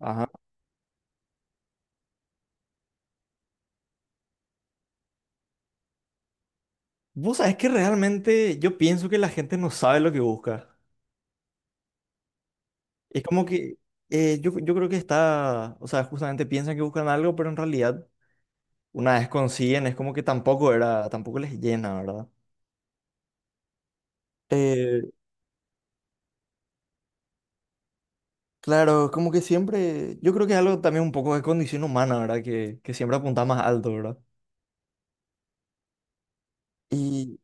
Ajá. Vos sabés que realmente yo pienso que la gente no sabe lo que busca. Es como que yo creo que está, o sea, justamente piensan que buscan algo, pero en realidad una vez consiguen, es como que tampoco era, tampoco les llena, ¿verdad? Eh, claro, es como que siempre, yo creo que es algo también un poco de condición humana, ¿verdad? Que siempre apunta más alto, ¿verdad? Y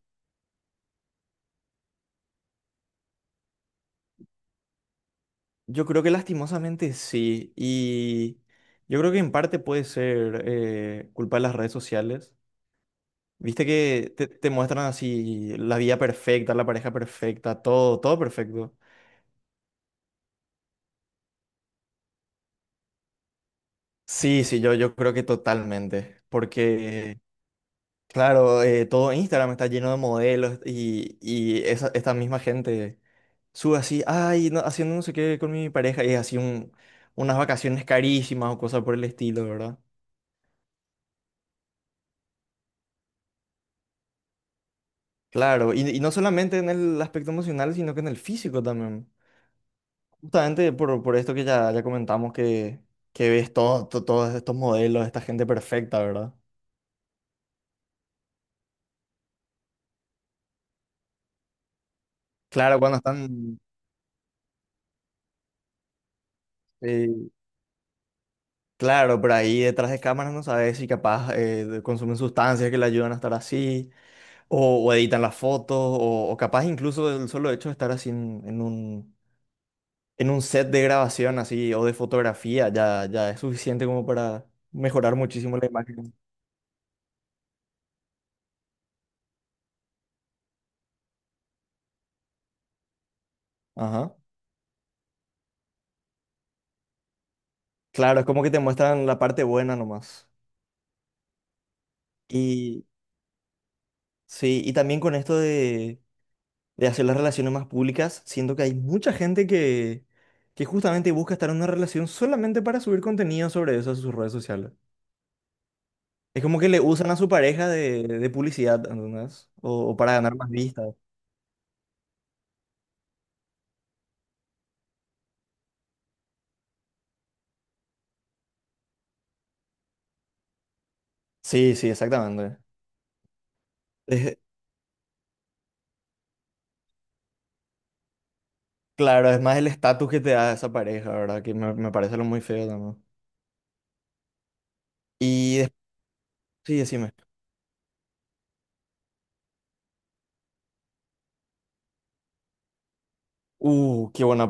yo creo que lastimosamente sí. Y yo creo que en parte puede ser culpa de las redes sociales. Viste que te muestran así la vida perfecta, la pareja perfecta, todo, todo perfecto. Sí, sí, yo creo que totalmente. Porque, claro, todo Instagram está lleno de modelos y esta misma gente sube así, ay, no, haciendo no sé qué con mi pareja y es unas vacaciones carísimas o cosas por el estilo, ¿verdad? Claro, y no solamente en el aspecto emocional, sino que en el físico también. Justamente por esto que ya, ya comentamos que ves todos estos modelos, esta gente perfecta, ¿verdad? Claro, cuando están, eh, claro, pero ahí detrás de cámaras no sabes si capaz consumen sustancias que le ayudan a estar así, o editan las fotos, o capaz incluso el solo hecho de estar así en un set de grabación así o de fotografía ya, ya es suficiente como para mejorar muchísimo la imagen. Ajá. Claro, es como que te muestran la parte buena nomás. Sí, y también con esto de hacer las relaciones más públicas, siento que hay mucha gente que justamente busca estar en una relación solamente para subir contenido sobre eso a sus redes sociales. Es como que le usan a su pareja de publicidad, ¿entendés? O para ganar más vistas. Sí, sí, exactamente. Es- claro, es más el estatus que te da esa pareja, ¿verdad? Que me parece lo muy feo también. Y después, sí, decime. Qué buena.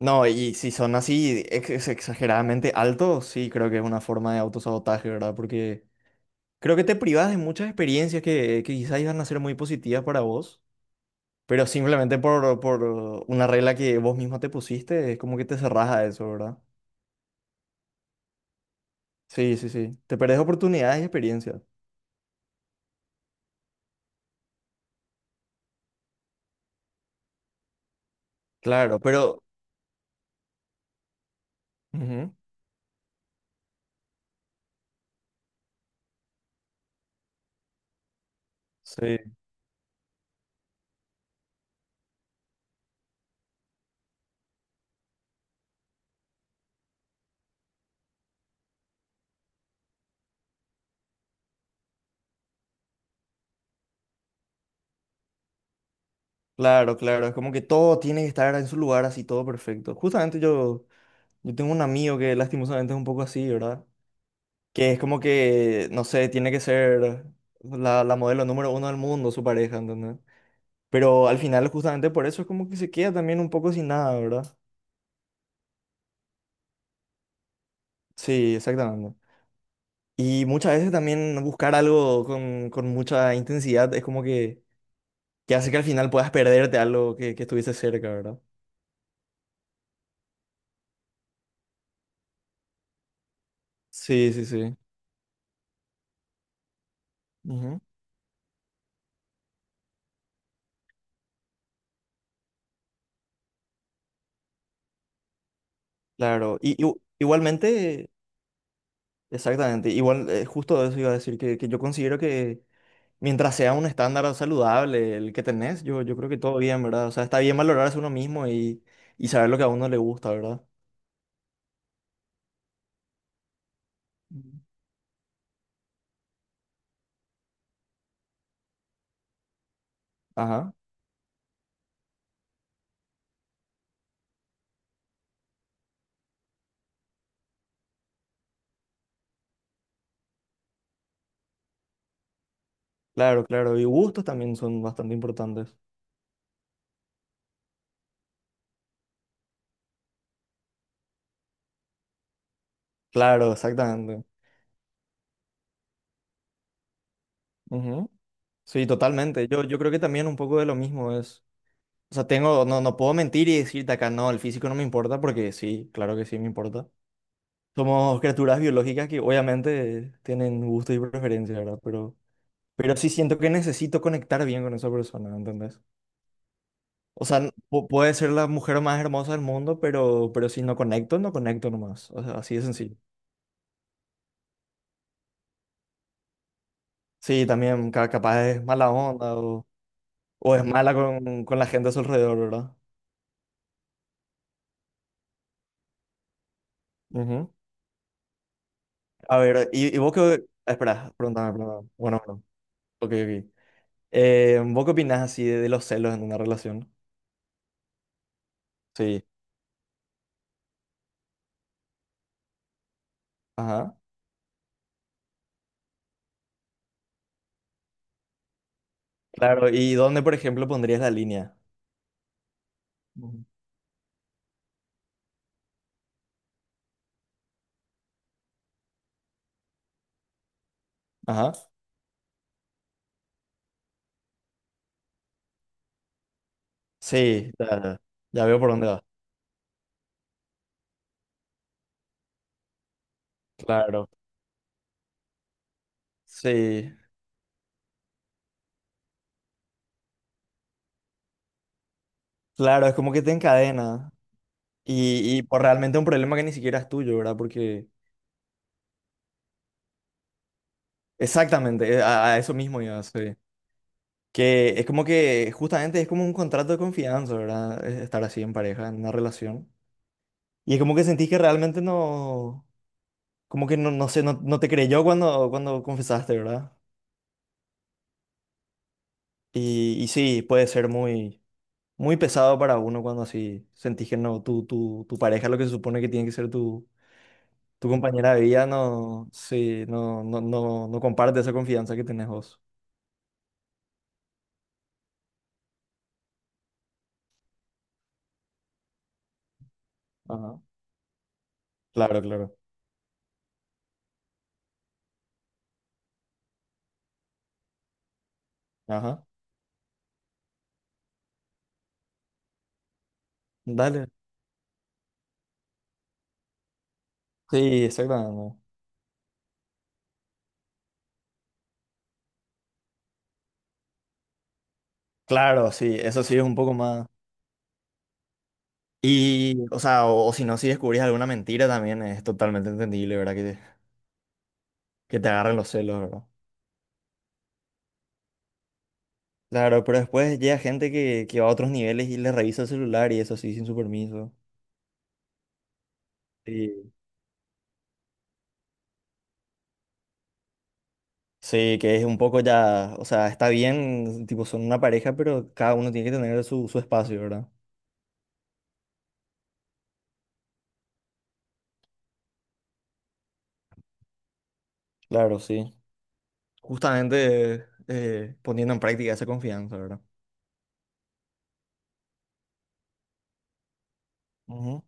No, y si son así exageradamente altos, sí, creo que es una forma de autosabotaje, ¿verdad? Porque creo que te privas de muchas experiencias que quizás iban a ser muy positivas para vos, pero simplemente por una regla que vos mismo te pusiste, es como que te cerrás a eso, ¿verdad? Sí, sí, sí. Te perdés oportunidades y experiencias. Claro, pero... Ujú. Sí, claro, claro. Es como que todo tiene que estar en su lugar así, todo perfecto. Justamente yo, yo tengo un amigo que lastimosamente es un poco así, ¿verdad? Que es como que, no sé, tiene que ser la modelo número 1 del mundo, su pareja, ¿entendés? Pero al final, justamente por eso, es como que se queda también un poco sin nada, ¿verdad? Sí, exactamente. Y muchas veces también buscar algo con mucha intensidad es como que hace que al final puedas perderte algo que estuviste cerca, ¿verdad? Sí, sí, sí. Ujú. Claro. Igualmente, exactamente. Igual, justo eso iba a decir, que yo considero que mientras sea un estándar saludable el que tenés, yo creo que todo bien, ¿verdad? O sea, está bien valorarse uno mismo y saber lo que a uno le gusta, ¿verdad? Mm. Ajá, claro, claro. Y gustos también son bastante importantes. Claro, exactamente. Ujú. Sí, totalmente. Yo creo que también un poco de lo mismo es. O sea, tengo, no, no puedo mentir y decirte acá, no, el físico no me importa, porque sí, claro que sí me importa. Somos criaturas biológicas que obviamente tienen gustos y preferencias, ¿verdad? Pero sí siento que necesito conectar bien con esa persona, ¿entendés? O sea, puede ser la mujer más hermosa del mundo, pero si no conecto, no conecto nomás. O sea, así de sencillo. Sí, también capaz es mala onda o es mala con la gente a su alrededor, ¿verdad? Ujú. A ver, y vos qué... Espera, pregúntame, pregúntame. Bueno, bueno. Ok, ok. ¿Vos qué opinás así de los celos en una relación? Sí. Ajá. Claro, ¿y dónde, por ejemplo, pondrías la línea? Ujú. Ajá. Sí, ya ya veo por dónde va. Claro. Sí. Claro, es como que te encadena. Y por realmente un problema que ni siquiera es tuyo, ¿verdad? Porque exactamente, a eso mismo iba, sí. Que es como que justamente es como un contrato de confianza, ¿verdad? Es estar así en pareja, en una relación. Y es como que sentís que realmente no, como que no, no sé, no, no te creyó cuando, cuando confesaste, ¿verdad? Y sí, puede ser muy, muy pesado para uno cuando así sentís que no, tu pareja, lo que se supone que tiene que ser tu, tu compañera de vida, no, sí, no, no, no, no comparte esa confianza que tenés vos. Ajá. Claro, claro. Ajá. Dale. Sí, exactamente. Claro, sí, eso sí es un poco más. Y, o sea, o si no, si descubrís alguna mentira también es totalmente entendible, ¿verdad? Que te agarren los celos, ¿verdad? Claro, pero después llega gente que va a otros niveles y le revisa el celular y eso sí, sin su permiso. Sí. Sí, que es un poco ya, o sea, está bien, tipo, son una pareja, pero cada uno tiene que tener su, su espacio, ¿verdad? Claro, sí. Justamente poniendo en práctica esa confianza, ¿verdad? Ujú.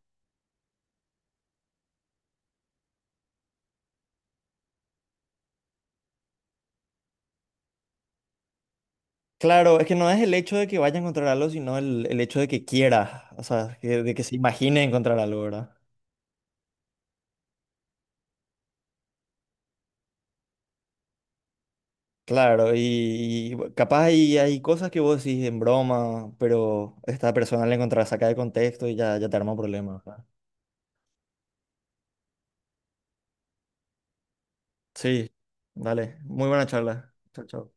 Claro, es que no es el hecho de que vaya a encontrar algo, sino el hecho de que quiera, o sea, que- de que se imagine encontrar algo, ¿verdad? Claro, y capaz hay, hay cosas que vos decís en broma, pero esta persona la encontrás saca de contexto y ya, ya te arma un problema, ¿verdad? Sí, dale, muy buena charla. Chao, chao.